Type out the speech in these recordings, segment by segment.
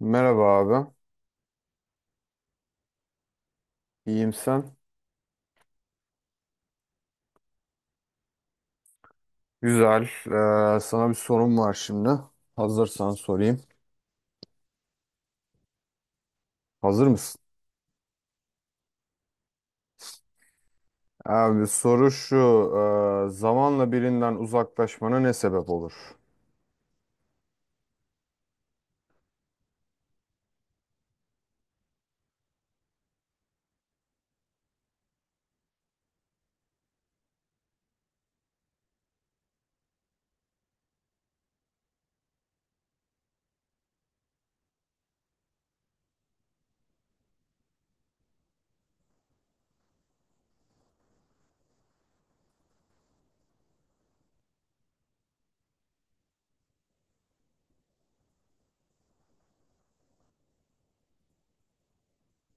Merhaba abi. İyiyim sen? Güzel. Sana bir sorum var şimdi. Hazırsan sorayım. Hazır mısın? Abi soru şu. Zamanla birinden uzaklaşmana ne sebep olur?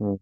Hı.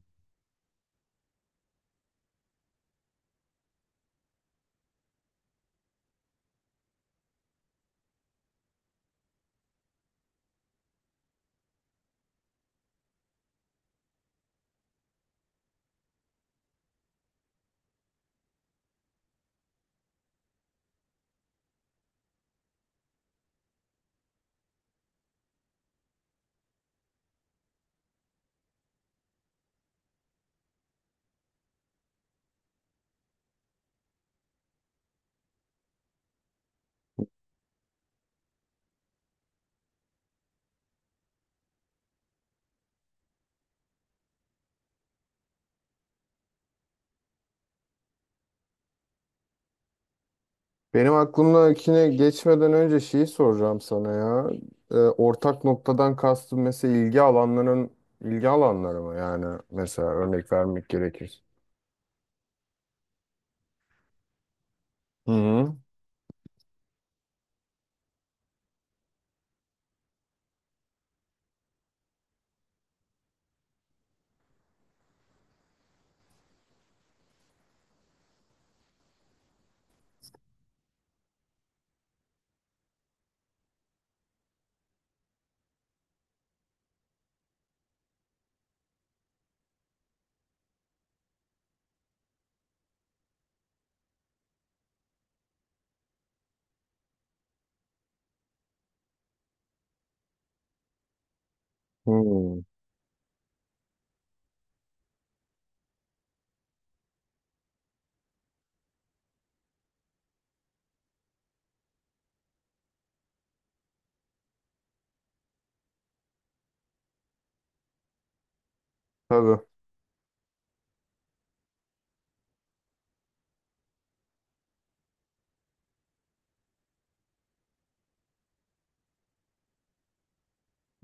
Benim aklımdakine geçmeden önce şeyi soracağım sana ya. Ortak noktadan kastım mesela ilgi alanları mı? Yani mesela örnek vermek gerekir. Hı hı. Hı. Tabii.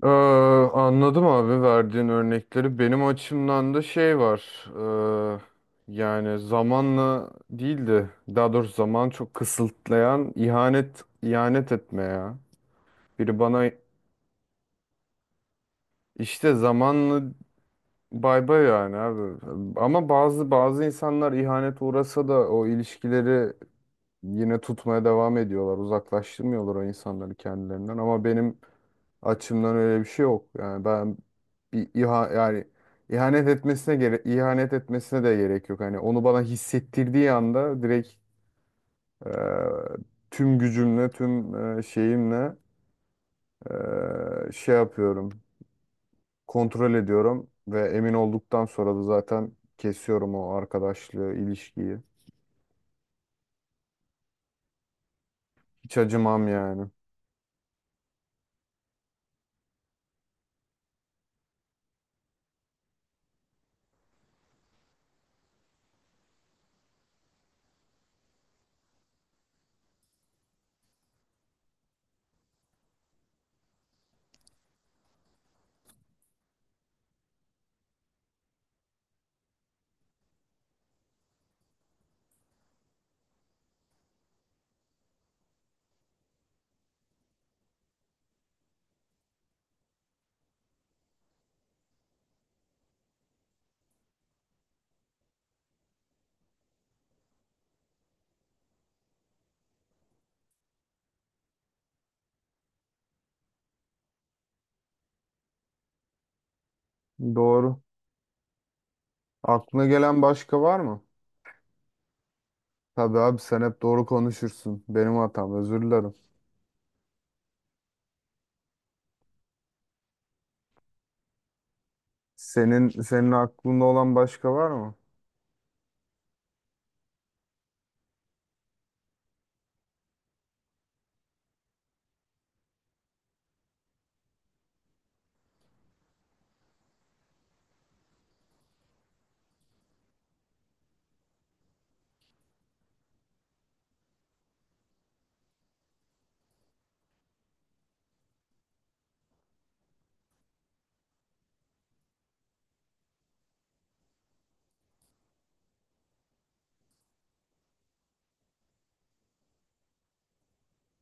Ee, Anladım abi verdiğin örnekleri. Benim açımdan da şey var. ee, Yani zamanla değildi. Daha doğrusu zaman çok kısıtlayan ihanet etme ya. Biri bana işte zamanla bay bay yani abi. Ama bazı insanlar ihanet uğrasa da o ilişkileri yine tutmaya devam ediyorlar. Uzaklaştırmıyorlar o insanları kendilerinden. Ama benim açımdan öyle bir şey yok. Yani ben bir iha yani ihanet etmesine gere ihanet etmesine de gerek yok. Hani onu bana hissettirdiği anda direkt e, tüm gücümle, tüm şeyimle şey yapıyorum. Kontrol ediyorum ve emin olduktan sonra da zaten kesiyorum o arkadaşlığı, ilişkiyi. Hiç acımam yani. Doğru. Aklına gelen başka var mı? Tabii abi sen hep doğru konuşursun. Benim hatam, özür dilerim. Senin aklında olan başka var mı?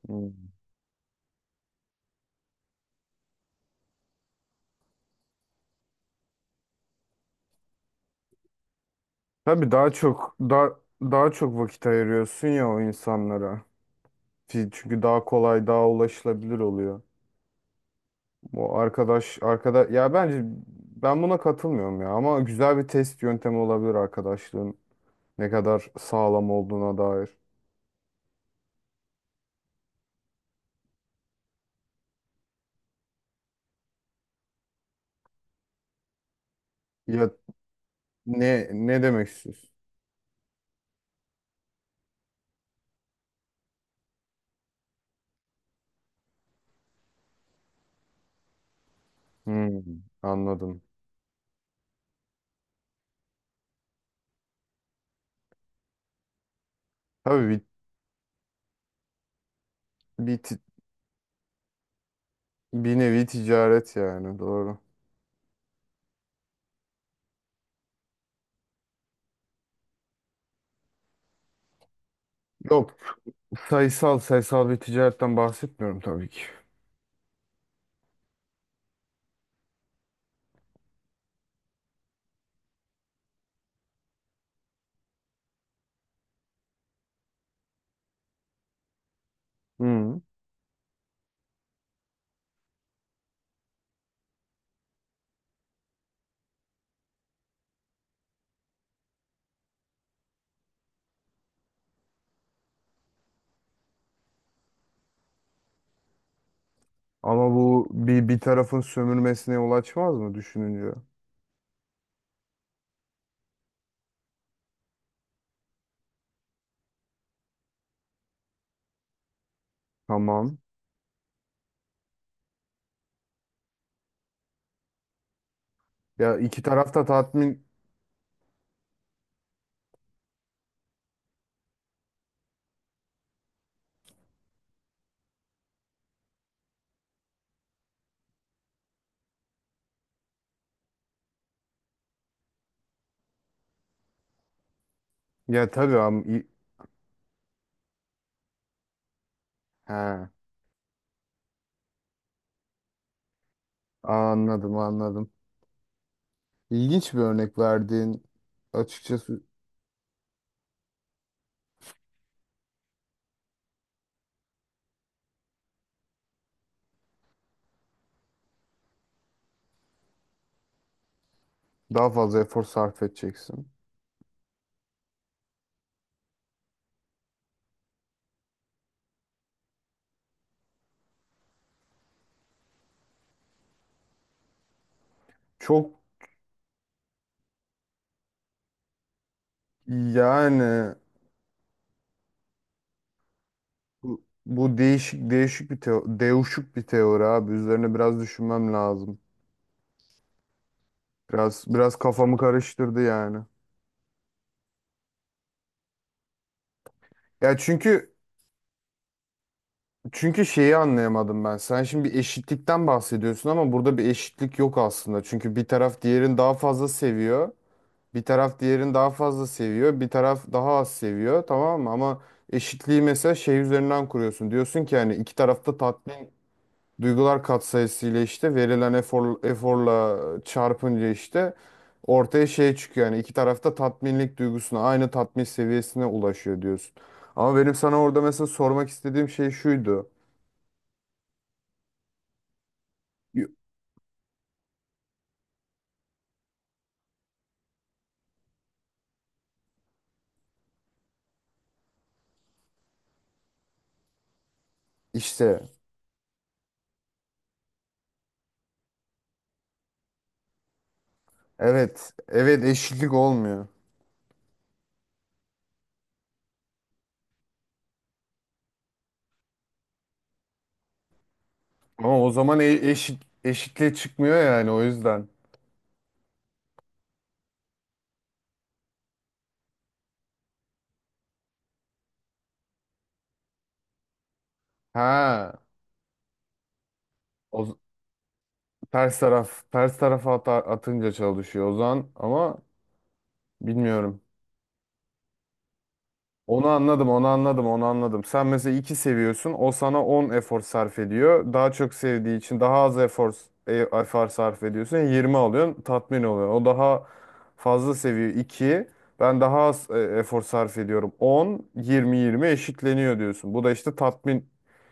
Hmm. Tabii daha çok vakit ayırıyorsun ya o insanlara. Çünkü daha kolay, daha ulaşılabilir oluyor. Bu arkadaş ya, bence ben buna katılmıyorum ya, ama güzel bir test yöntemi olabilir arkadaşlığın ne kadar sağlam olduğuna dair. Ya ne demek istiyorsun? Hmm, anladım. Tabii bir, ti- bir nevi ticaret yani, doğru. Yok, sayısal bir ticaretten bahsetmiyorum tabii ki. Hı. Ama bu, bir tarafın sömürmesine yol açmaz mı düşününce? Tamam. Ya iki taraf da tatmin... Ya, tabii, am... i-... Ha. Anladım, anladım. İlginç bir örnek verdiğin, açıkçası. Daha fazla efor sarf edeceksin. Çok, yani bu değişik bir teori abi. Üzerine biraz düşünmem lazım. Biraz kafamı karıştırdı yani. Ya çünkü, şeyi anlayamadım ben. Sen şimdi bir eşitlikten bahsediyorsun ama burada bir eşitlik yok aslında. Çünkü bir taraf diğerini daha fazla seviyor. Bir taraf diğerini daha fazla seviyor. Bir taraf daha az seviyor. Tamam mı? Ama eşitliği mesela şey üzerinden kuruyorsun. Diyorsun ki yani iki tarafta tatmin, duygular katsayısı ile işte verilen eforla çarpınca işte ortaya şey çıkıyor. Yani iki tarafta tatminlik duygusuna, aynı tatmin seviyesine ulaşıyor diyorsun. Ama benim sana orada mesela sormak istediğim şey şuydu. İşte, evet, evet, eşitlik olmuyor. Ama o zaman eşitliğe çıkmıyor yani, o yüzden. Ha, o z- ters tarafa atınca çalışıyor o zaman ama bilmiyorum. Onu anladım, onu anladım, onu anladım. Sen mesela 2 seviyorsun, o sana 10 efor sarf ediyor. Daha çok sevdiği için daha az efor sarf ediyorsun. 20 alıyorsun, tatmin oluyor. O daha fazla seviyor, iki. Ben daha az efor sarf ediyorum. 10, 20, 20 eşitleniyor diyorsun. Bu da işte tatmin,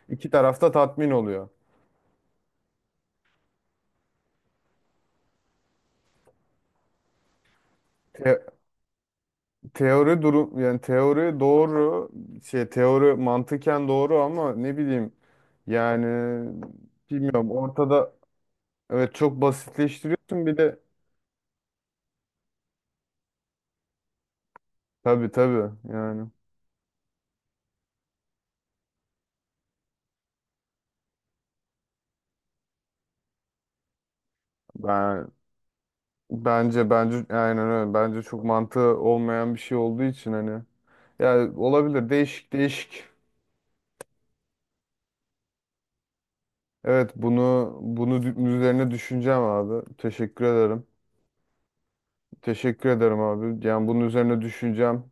iki tarafta tatmin oluyor. Te- Teori durum yani, teori doğru, şey, teori mantıken doğru ama ne bileyim yani, bilmiyorum ortada. Evet, çok basitleştiriyorsun bir de. Tabii, tabii, yani ben bence aynen öyle, bence çok mantığı olmayan bir şey olduğu için, hani, yani olabilir, değişik değişik. Evet bunu üzerine düşüneceğim abi, teşekkür ederim. Teşekkür ederim abi, yani bunun üzerine düşüneceğim.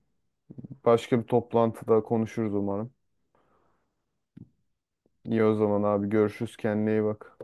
Başka bir toplantıda konuşuruz umarım. İyi o zaman abi, görüşürüz, kendine iyi bak.